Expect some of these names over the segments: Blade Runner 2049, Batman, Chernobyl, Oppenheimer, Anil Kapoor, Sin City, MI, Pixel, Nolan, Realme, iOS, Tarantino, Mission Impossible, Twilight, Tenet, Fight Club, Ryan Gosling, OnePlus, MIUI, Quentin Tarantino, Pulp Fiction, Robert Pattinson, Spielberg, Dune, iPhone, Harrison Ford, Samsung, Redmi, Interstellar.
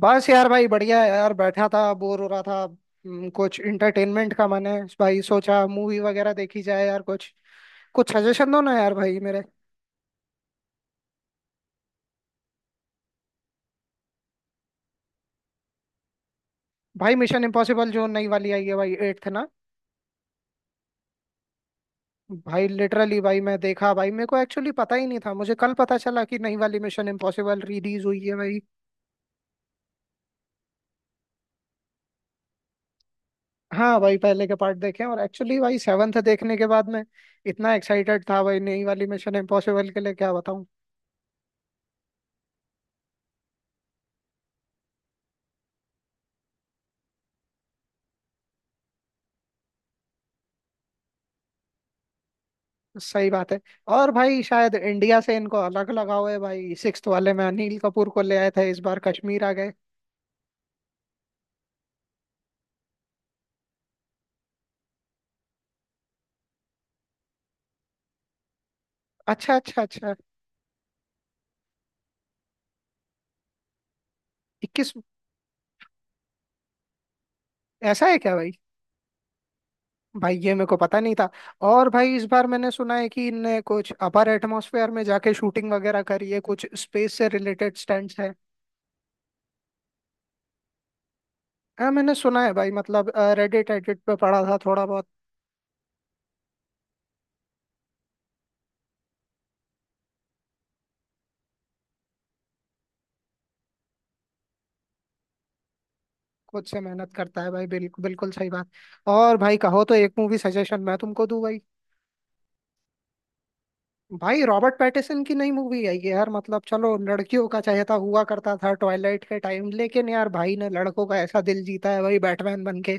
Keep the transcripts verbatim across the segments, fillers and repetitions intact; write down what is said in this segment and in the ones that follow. बस यार भाई बढ़िया है यार। बैठा था बोर हो रहा था हम्म, कुछ इंटरटेनमेंट का मैंने भाई सोचा मूवी वगैरह देखी जाए यार। कुछ कुछ सजेशन दो ना यार भाई मेरे। भाई मिशन इम्पॉसिबल जो नई वाली आई है भाई एट्थ ना। भाई लिटरली भाई मैं देखा भाई, मेरे को एक्चुअली पता ही नहीं था, मुझे कल पता चला कि नई वाली मिशन इम्पॉसिबल रिलीज हुई है भाई। हाँ भाई पहले के पार्ट देखे हैं, और एक्चुअली भाई सेवन्थ देखने के बाद में इतना एक्साइटेड था भाई नई वाली मिशन इम्पॉसिबल के लिए, क्या बताऊं। सही बात है। और भाई शायद इंडिया से इनको अलग लगाव है भाई, सिक्स्थ वाले में अनिल कपूर को ले आए थे, इस बार कश्मीर आ गए। अच्छा, अच्छा, अच्छा। इक्कीस। ऐसा है क्या भाई। भाई ये मेरे को पता नहीं था। और भाई इस बार मैंने सुना है कि इनने कुछ अपर एटमॉस्फेयर में जाके शूटिंग वगैरह करी है, कुछ स्पेस से रिलेटेड स्टंट्स है। हाँ मैंने सुना है भाई, मतलब रेडिट एडिट पे पढ़ा था थोड़ा बहुत। खुद से मेहनत करता है भाई, बिल्कुल बिल्कुल सही बात। और भाई कहो तो एक मूवी सजेशन मैं तुमको दूं भाई। भाई रॉबर्ट पैटिसन की नई मूवी आई है यार, मतलब चलो लड़कियों का चहेता हुआ करता था ट्वाइलाइट के टाइम, लेकिन यार भाई ने लड़कों का ऐसा दिल जीता है भाई बैटमैन बन के।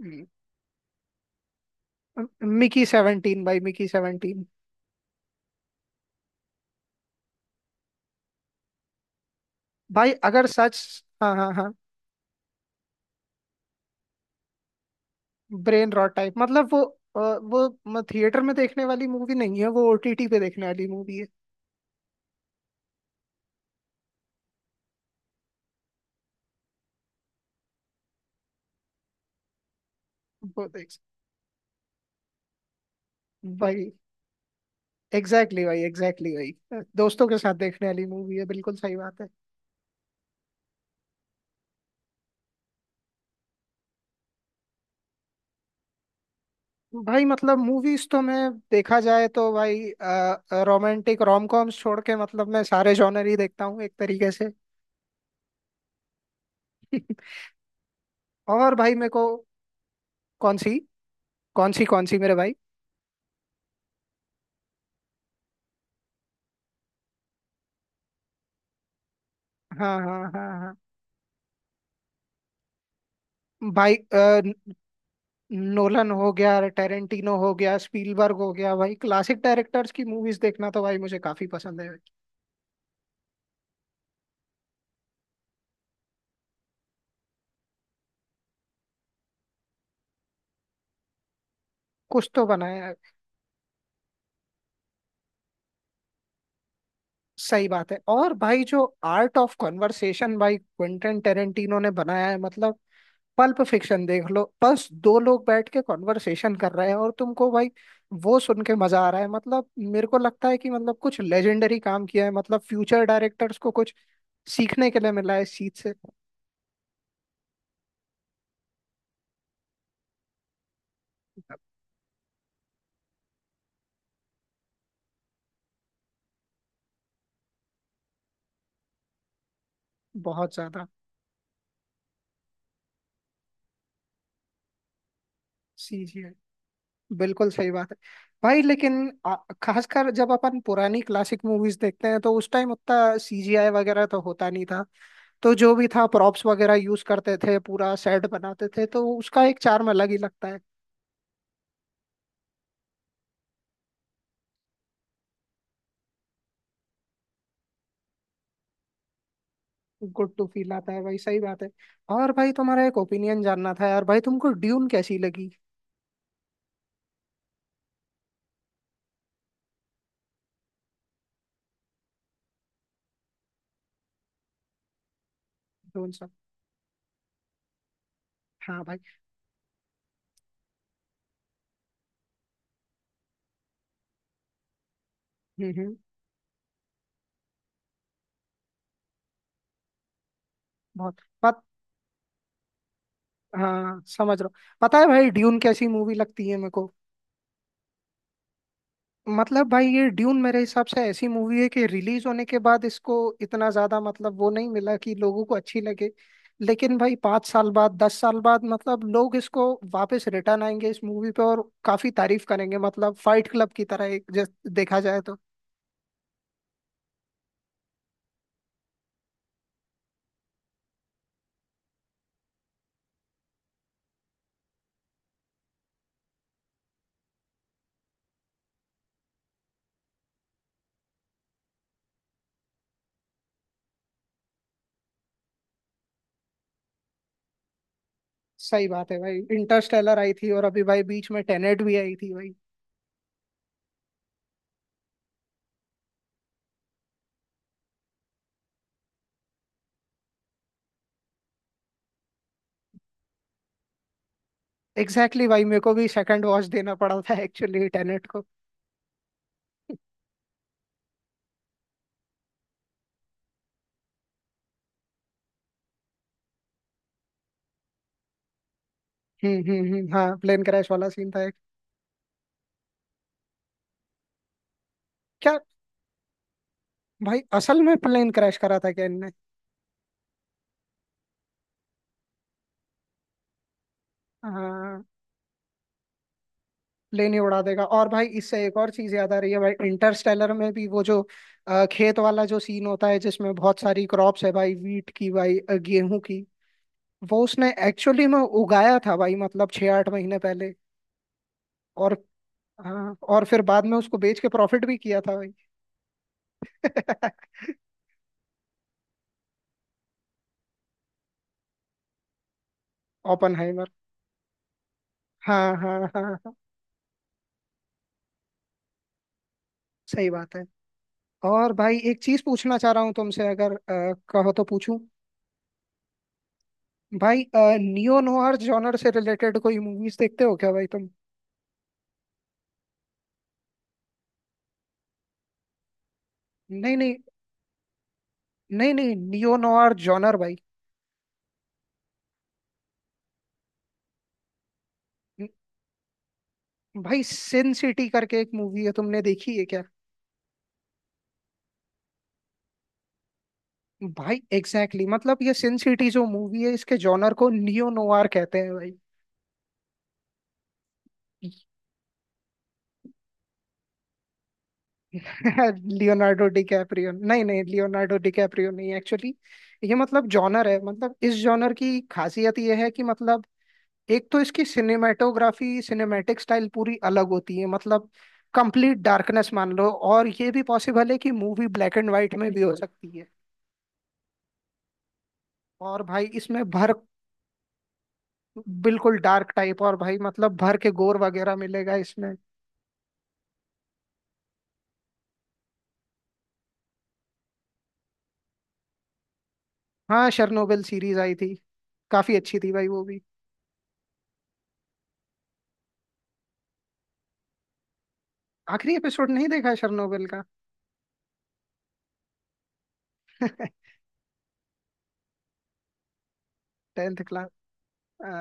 हम्म, मिकी सेवनटीन भाई, मिकी सेवनटीन। भाई अगर सच। हाँ, हाँ, हाँ। ब्रेन रॉट टाइप मतलब वो। अ, वो थिएटर में देखने वाली मूवी नहीं है, वो ओटीटी पे देखने वाली मूवी है। वो देख भाई एग्जैक्टली exactly भाई एग्जैक्टली exactly भाई दोस्तों के साथ देखने वाली मूवी है, बिल्कुल सही बात है। भाई मतलब मूवीज तो मैं, देखा जाए तो भाई रोमांटिक रोम कॉम्स छोड़ के मतलब मैं सारे जॉनर ही देखता हूँ एक तरीके से। और भाई मेरे को। कौन सी। कौन सी कौन सी मेरे भाई। हाँ, हाँ, हाँ, हाँ। भाई अ, न- नोलन हो गया, टेरेंटिनो हो गया, स्पीलबर्ग हो गया, भाई क्लासिक डायरेक्टर्स की मूवीज देखना तो भाई मुझे काफी पसंद है। कुछ तो बनाया है। सही बात है। और भाई जो आर्ट ऑफ कॉन्वर्सेशन भाई क्विंटन टेरेंटिनो ने बनाया है, मतलब पल्प फिक्शन देख लो, बस दो लोग बैठ के कॉन्वर्सेशन कर रहे हैं और तुमको भाई वो सुन के मजा आ रहा है। मतलब मेरे को लगता है कि मतलब कुछ लेजेंडरी काम किया है, मतलब फ्यूचर डायरेक्टर्स को कुछ सीखने के लिए मिला है इस चीज से। बहुत ज्यादा चीज है। बिल्कुल सही बात है। भाई लेकिन आ- खासकर जब अपन पुरानी क्लासिक मूवीज देखते हैं तो उस टाइम उतना सीजीआई वगैरह तो होता नहीं था, तो जो भी था प्रॉप्स वगैरह यूज करते थे, पूरा सेट बनाते थे, तो उसका एक charm अलग ही लगता है। गुड टू फील आता है भाई, सही बात है। और भाई तुम्हारा एक ओपिनियन जानना था यार, भाई तुमको ड्यून कैसी लगी। ड्यून सब। हाँ भाई। हम्म, हम्म। बहुत। पत। हाँ समझ रहा हूँ, पता है भाई ड्यून कैसी मूवी लगती है मेरे को। मतलब भाई ये ड्यून मेरे हिसाब से ऐसी मूवी है कि रिलीज होने के बाद इसको इतना ज्यादा मतलब वो नहीं मिला कि लोगों को अच्छी लगे, लेकिन भाई पाँच साल बाद, दस साल बाद मतलब लोग इसको वापस रिटर्न आएंगे इस मूवी पे और काफी तारीफ करेंगे, मतलब फाइट क्लब की तरह एक जैसे देखा जाए तो। सही बात है भाई। इंटरस्टेलर आई थी और अभी भाई बीच में टेनेट भी आई थी भाई। एग्जैक्टली exactly भाई, मेरे को भी सेकंड वॉच देना पड़ा था एक्चुअली टेनेट को। हम्म, हम्म, हम्म, हाँ प्लेन क्रैश वाला सीन था एक। क्या। भाई असल में प्लेन क्रैश करा था क्या इनने। हाँ। प्लेन ही उड़ा देगा, और भाई इससे एक और चीज याद आ रही है भाई, इंटरस्टेलर में भी वो जो अ, खेत वाला जो सीन होता है जिसमें बहुत सारी क्रॉप्स है भाई, वीट की भाई, अ, गेहूं की। वो उसने एक्चुअली में उगाया था भाई, मतलब छह आठ महीने पहले। और। हाँ, और फिर बाद में उसको बेच के प्रॉफिट भी किया था भाई। ओपनहाइमर। हाँ, हाँ, हाँ, हाँ। सही बात है। और भाई एक चीज पूछना चाह रहा हूँ तुमसे, अगर अ, कहो तो पूछूं। भाई नियो नोआर जॉनर से रिलेटेड कोई मूवीज देखते हो क्या भाई तुम। नहीं, नहीं। नहीं, नहीं, नियो नोआर जॉनर भाई। न- भाई सिन सिटी करके एक मूवी है, तुमने देखी है क्या। भाई एग्जैक्टली exactly, मतलब ये सिन सिटी जो मूवी है इसके जॉनर को नियो नोआर कहते हैं भाई। लियोनार्डो डिकैप्रियो नहीं, नहीं, लियोनार्डो डिकैप्रियो नहीं, एक्चुअली ये मतलब जॉनर है। मतलब इस जॉनर की खासियत ये है कि मतलब एक तो इसकी सिनेमेटोग्राफी सिनेमैटिक स्टाइल पूरी अलग होती है, मतलब कंप्लीट डार्कनेस मान लो, और ये भी पॉसिबल है कि मूवी ब्लैक एंड व्हाइट में भी हो सकती है। और भाई इसमें भर। बिल्कुल डार्क टाइप, और भाई मतलब भर के गोर वगैरह मिलेगा इसमें। हाँ, शर्नोबिल सीरीज आई थी, काफी अच्छी थी भाई वो भी। आखिरी एपिसोड नहीं देखा शर्नोबिल का। Tenth class. आ,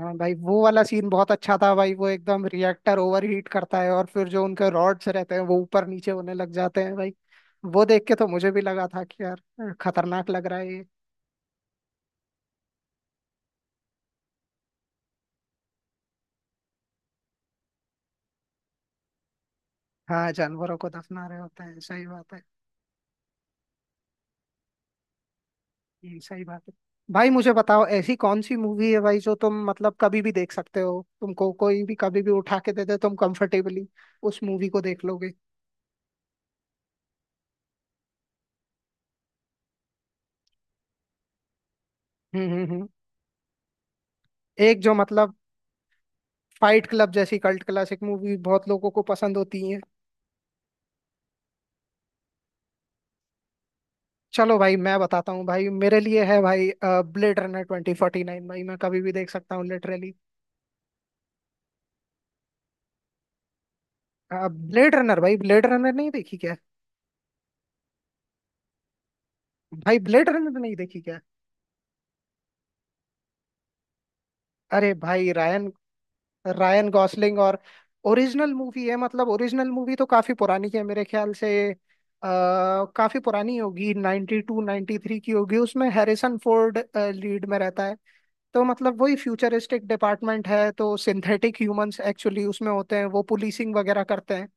हाँ भाई वो वाला सीन बहुत अच्छा था भाई, वो एकदम रिएक्टर ओवरहीट करता है और फिर जो उनके रॉड्स रहते हैं वो ऊपर नीचे होने लग जाते हैं भाई। वो देख के तो मुझे भी लगा था कि यार अ, खतरनाक लग रहा है ये। हाँ, जानवरों को दफना रहे होते हैं, सही बात है। ये सही बात है। भाई मुझे बताओ ऐसी कौन सी मूवी है भाई जो तुम मतलब कभी भी देख सकते हो, तुमको कोई भी कभी भी उठा के दे दे तुम कंफर्टेबली उस मूवी को देख लोगे। हम्म, हम्म, हम्म। एक जो मतलब फाइट क्लब जैसी कल्ट क्लासिक मूवी बहुत लोगों को पसंद होती है। चलो भाई मैं बताता हूँ भाई, मेरे लिए है भाई Blade Runner twenty forty nine, भाई मैं कभी भी देख सकता हूँ लिटरली। ब्लेड रनर, भाई ब्लेड रनर नहीं देखी क्या। भाई ब्लेड रनर नहीं देखी क्या। अरे भाई रायन, रायन गॉसलिंग, और ओरिजिनल मूवी है, मतलब ओरिजिनल मूवी तो काफी पुरानी है मेरे ख्याल से, आ, काफी पुरानी होगी 92 टू नाइन्टी थ्री की होगी, उसमें हैरिसन फोर्ड लीड में रहता है। तो मतलब वही फ्यूचरिस्टिक डिपार्टमेंट है, तो सिंथेटिक ह्यूमंस एक्चुअली उसमें होते हैं, वो पुलिसिंग वगैरह करते हैं।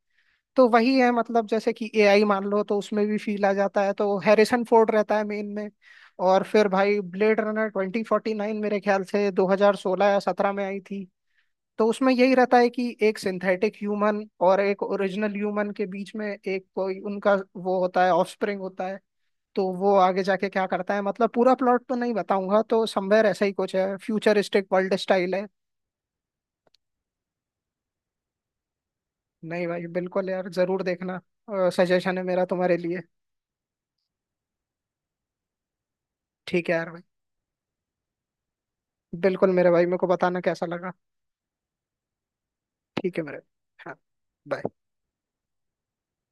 तो वही है मतलब जैसे कि एआई मान लो, तो उसमें भी फील आ जाता है, तो हैरिसन फोर्ड रहता है मेन में। और फिर भाई Blade Runner twenty forty nine मेरे ख्याल से दो हज़ार सोलह या सत्रह में आई थी। तो उसमें यही रहता है कि एक सिंथेटिक ह्यूमन और एक ओरिजिनल ह्यूमन के बीच में एक कोई उनका वो होता है, ऑफस्प्रिंग होता है। तो वो आगे जाके क्या करता है, मतलब पूरा प्लॉट तो नहीं बताऊंगा, तो समवेयर ऐसा ही कुछ है, फ्यूचरिस्टिक वर्ल्ड स्टाइल है। नहीं भाई बिल्कुल यार, जरूर देखना, सजेशन है मेरा तुम्हारे लिए। ठीक है यार। बिल्कुल मेरे भाई, मेरे को बताना कैसा लगा। ठीक है मेरे भाई। हाँ bye.